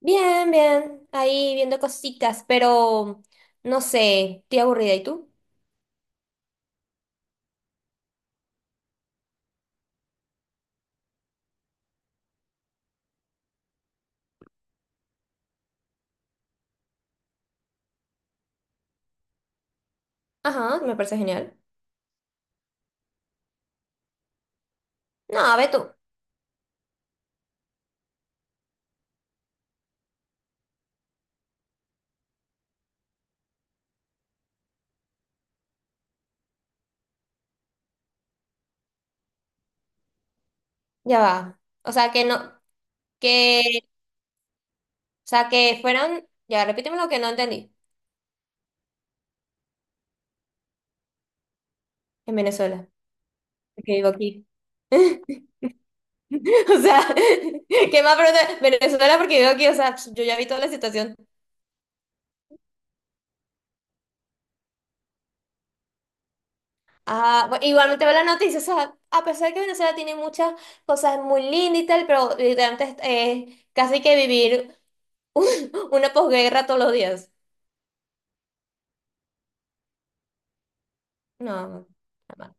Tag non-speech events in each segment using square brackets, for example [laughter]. Bien, bien, ahí viendo cositas, pero no sé, estoy aburrida. ¿Y tú? Ajá, me parece genial. No, ve tú, ya va. O sea, que no, que, o sea, que fueran, ya, repíteme lo que no entendí en Venezuela, porque vivo aquí. [laughs] O sea, [laughs] ¿qué más pregunta? Venezuela porque vivo aquí, o sea, yo ya vi toda la situación. Ah, igualmente veo la noticia, o sea, a pesar que Venezuela tiene muchas cosas muy lindas y tal, pero literalmente es casi que vivir. [laughs] Una posguerra todos los días. No, jamás.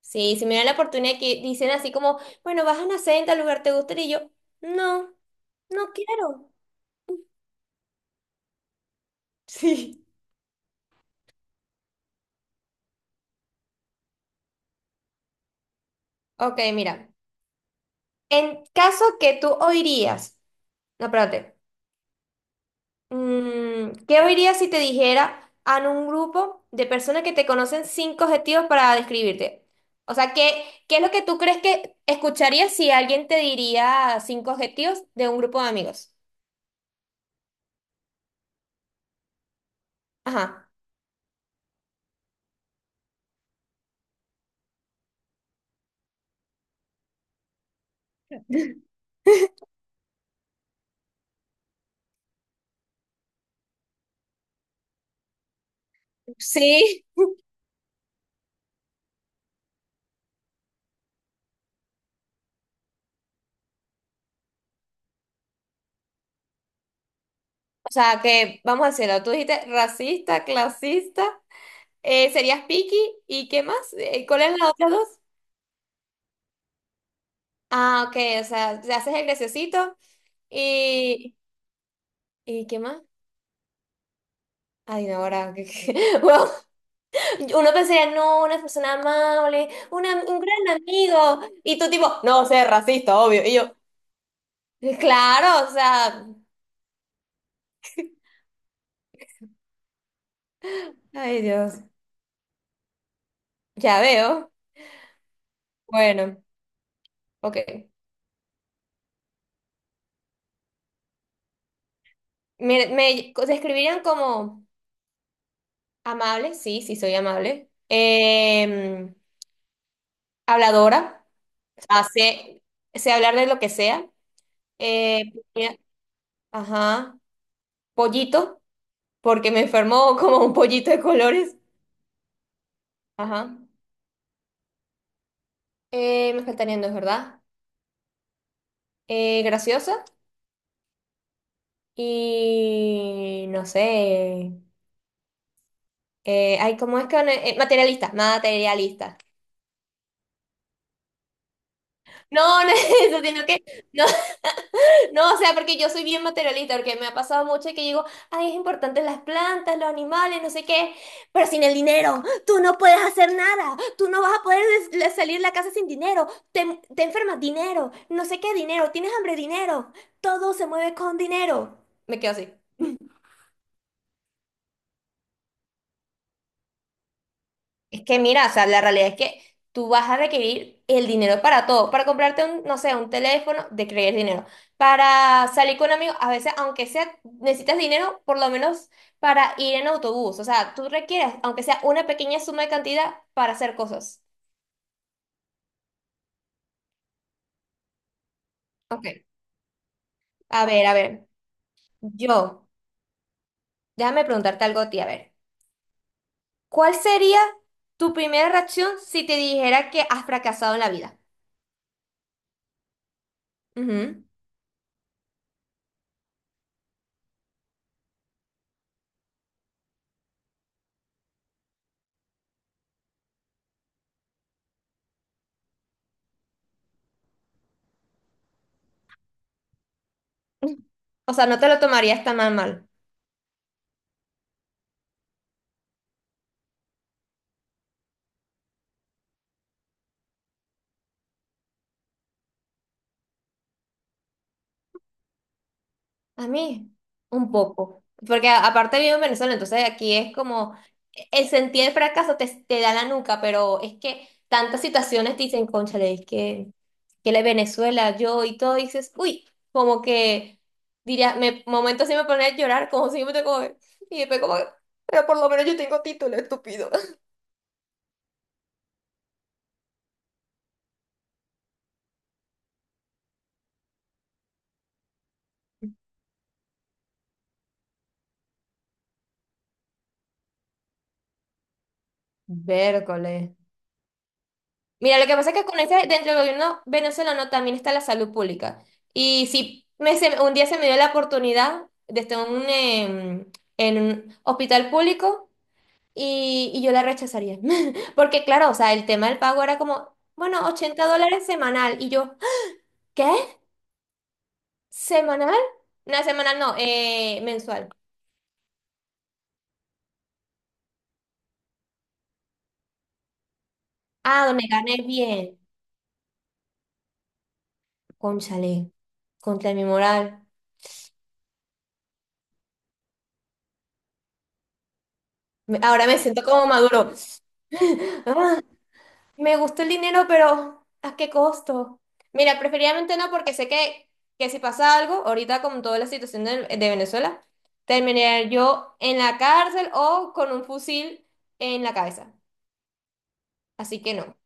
Sí, si me dan la oportunidad que dicen así como, bueno, vas a nacer en tal lugar, ¿te gustaría? Y yo, no, no quiero. [laughs] Sí. Ok, mira. En caso que tú oirías, no, espérate. ¿Qué oirías si te dijera a un grupo de personas que te conocen cinco objetivos para describirte? O sea, qué es lo que tú crees que escucharías si alguien te diría cinco objetivos de un grupo de amigos? Ajá. Sí, o sea, que vamos a hacerlo. Tú dijiste racista, clasista, serías picky y ¿qué más? ¿Cuál es la otra dos? Ah, ok, o sea, te haces el graciosito y... ¿Y qué más? Ay, no, ahora... [laughs] Bueno, uno pensaría, no, una persona amable, una- un gran amigo. Y tú tipo, no, sé, racista, obvio. Y yo, claro, o sea... Ay, Dios, ya veo. Bueno, ok. Me describirían como... Amable, sí, sí soy amable. Habladora, hace, sé hablar de lo que sea. Eh, mira, ajá, pollito, porque me enfermó [laughs] como un pollito de colores. Ajá. Me faltarían dos, ¿verdad? Graciosa y no sé. Ay, ¿cómo es que? Materialista, materialista. No, [laughs] no es eso, sino que no. No, o sea, porque yo soy bien materialista, porque me ha pasado mucho que digo, ay, es importante las plantas, los animales, no sé qué, pero sin el dinero, tú no puedes hacer nada, tú no vas a poder salir de la casa sin dinero, te enfermas, dinero, no sé qué, dinero, tienes hambre, dinero, todo se mueve con dinero. Me quedo así. Es que mira, o sea, la realidad es que tú vas a requerir el dinero para todo, para comprarte un, no sé, un teléfono, de requerir dinero, para salir con amigos, a veces, aunque sea, necesitas dinero por lo menos para ir en autobús, o sea, tú requieres, aunque sea una pequeña suma de cantidad para hacer cosas. Ok. A ver, yo, déjame preguntarte algo a ti, a ver, ¿cuál sería tu primera reacción si te dijera que has fracasado en la vida? Ujú. O sea, no te lo tomarías tan mal mal. A mí, un poco. Porque aparte vivo en Venezuela, entonces aquí es como el sentir el fracaso te da la nuca, pero es que tantas situaciones te dicen, cónchale, es que la Venezuela, yo y todo, y dices, uy, como que diría, me momentos sí me ponía a llorar, como si yo me tengo. Y después como, pero por lo menos yo tengo título, estúpido. [laughs] Vércoles. Mira, lo que pasa es que con ese, dentro del gobierno venezolano también está la salud pública. Y si me, se- un día se me dio la oportunidad de estar en un, en un hospital público y yo la rechazaría. [laughs] Porque claro, o sea, el tema del pago era como, bueno, $80 semanal. Y yo, [gasps] ¿qué? ¿Semanal? No, semanal no, mensual. Ah, donde gané bien. Cónchale, contra mi moral. Ahora me siento como maduro. [laughs] Me gusta el dinero, pero ¿a qué costo? Mira, preferiblemente no, porque sé que si pasa algo, ahorita con toda la situación de Venezuela, terminaré yo en la cárcel o con un fusil en la cabeza. Así que no.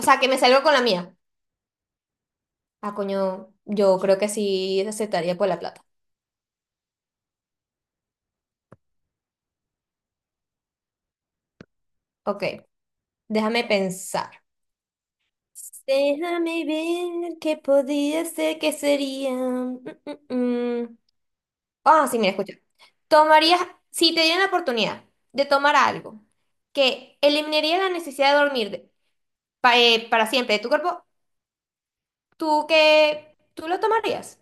O sea, que me salgo con la mía. Ah, coño, yo creo que sí aceptaría por la plata. Ok, déjame pensar. Déjame ver qué podría ser, qué sería. Mm, mm. Ah, sí, mira, escucha. Tomarías, si te dieran la oportunidad de tomar algo que eliminaría la necesidad de dormir para siempre de tu cuerpo, ¿tú qué? ¿Tú lo tomarías?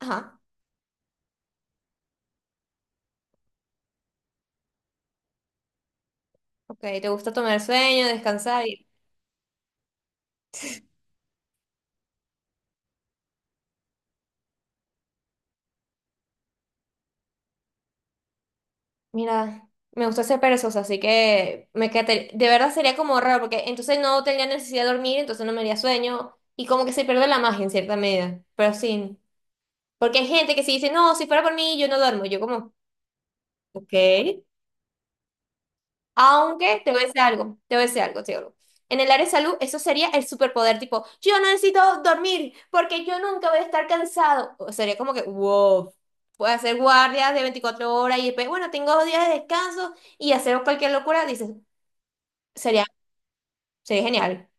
Ajá. Ok, te gusta tomar sueño, descansar y... Mira, me gusta ser perezosa, así que me quedaría... De verdad sería como raro, porque entonces no tendría necesidad de dormir, entonces no me haría sueño y como que se pierde la magia en cierta medida, pero sí. Porque hay gente que sí dice, no, si fuera por mí, yo no duermo. Yo como, ok. Aunque te voy a decir algo, te voy a decir algo, te digo algo. En el área de salud, eso sería el superpoder, tipo, yo no necesito dormir porque yo nunca voy a estar cansado. O sería como que, wow, puedes hacer guardias de 24 horas y después, bueno, tengo 2 días de descanso y hacer cualquier locura, dices, sería, sería genial.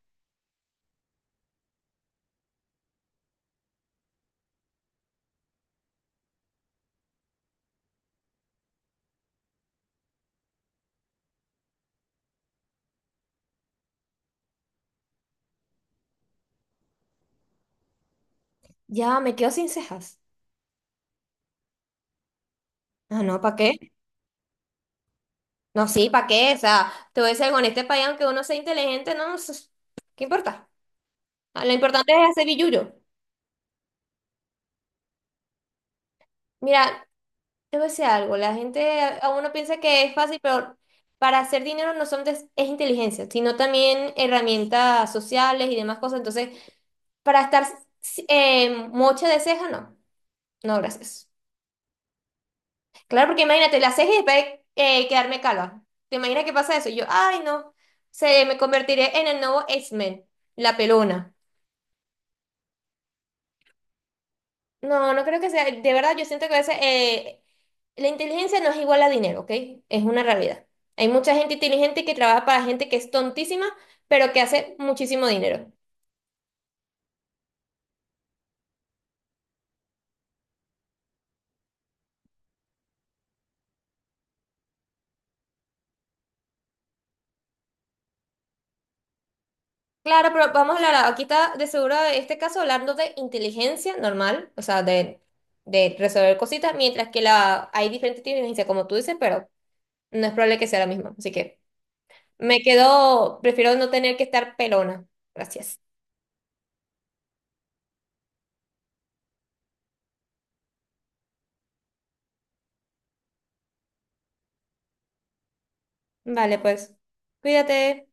Ya, me quedo sin cejas. Ah, no, ¿para qué? No, sí, ¿para qué? O sea, te voy a decir algo, en este país, aunque uno sea inteligente, no, no sé, ¿qué importa? Ah, lo importante es hacer billuyo. Mira, te voy a decir algo, la gente, a uno piensa que es fácil, pero para hacer dinero no son es inteligencia, sino también herramientas sociales y demás cosas. Entonces, para estar mocha de ceja, no. No, gracias. Claro, porque imagínate, la ceja y después quedarme calva. ¿Te imaginas qué pasa eso? Y yo, ay, no, se me convertiré en el nuevo X-Men, la pelona. No, no creo que sea. De verdad, yo siento que a veces la inteligencia no es igual a dinero, ¿ok? Es una realidad. Hay mucha gente inteligente que trabaja para gente que es tontísima, pero que hace muchísimo dinero. Claro, pero vamos a hablar, aquí está de seguro este caso hablando de inteligencia normal, o sea, de resolver cositas, mientras que la, hay diferentes inteligencias, como tú dices, pero no es probable que sea la misma. Así que me quedo, prefiero no tener que estar pelona. Gracias. Vale, pues, cuídate.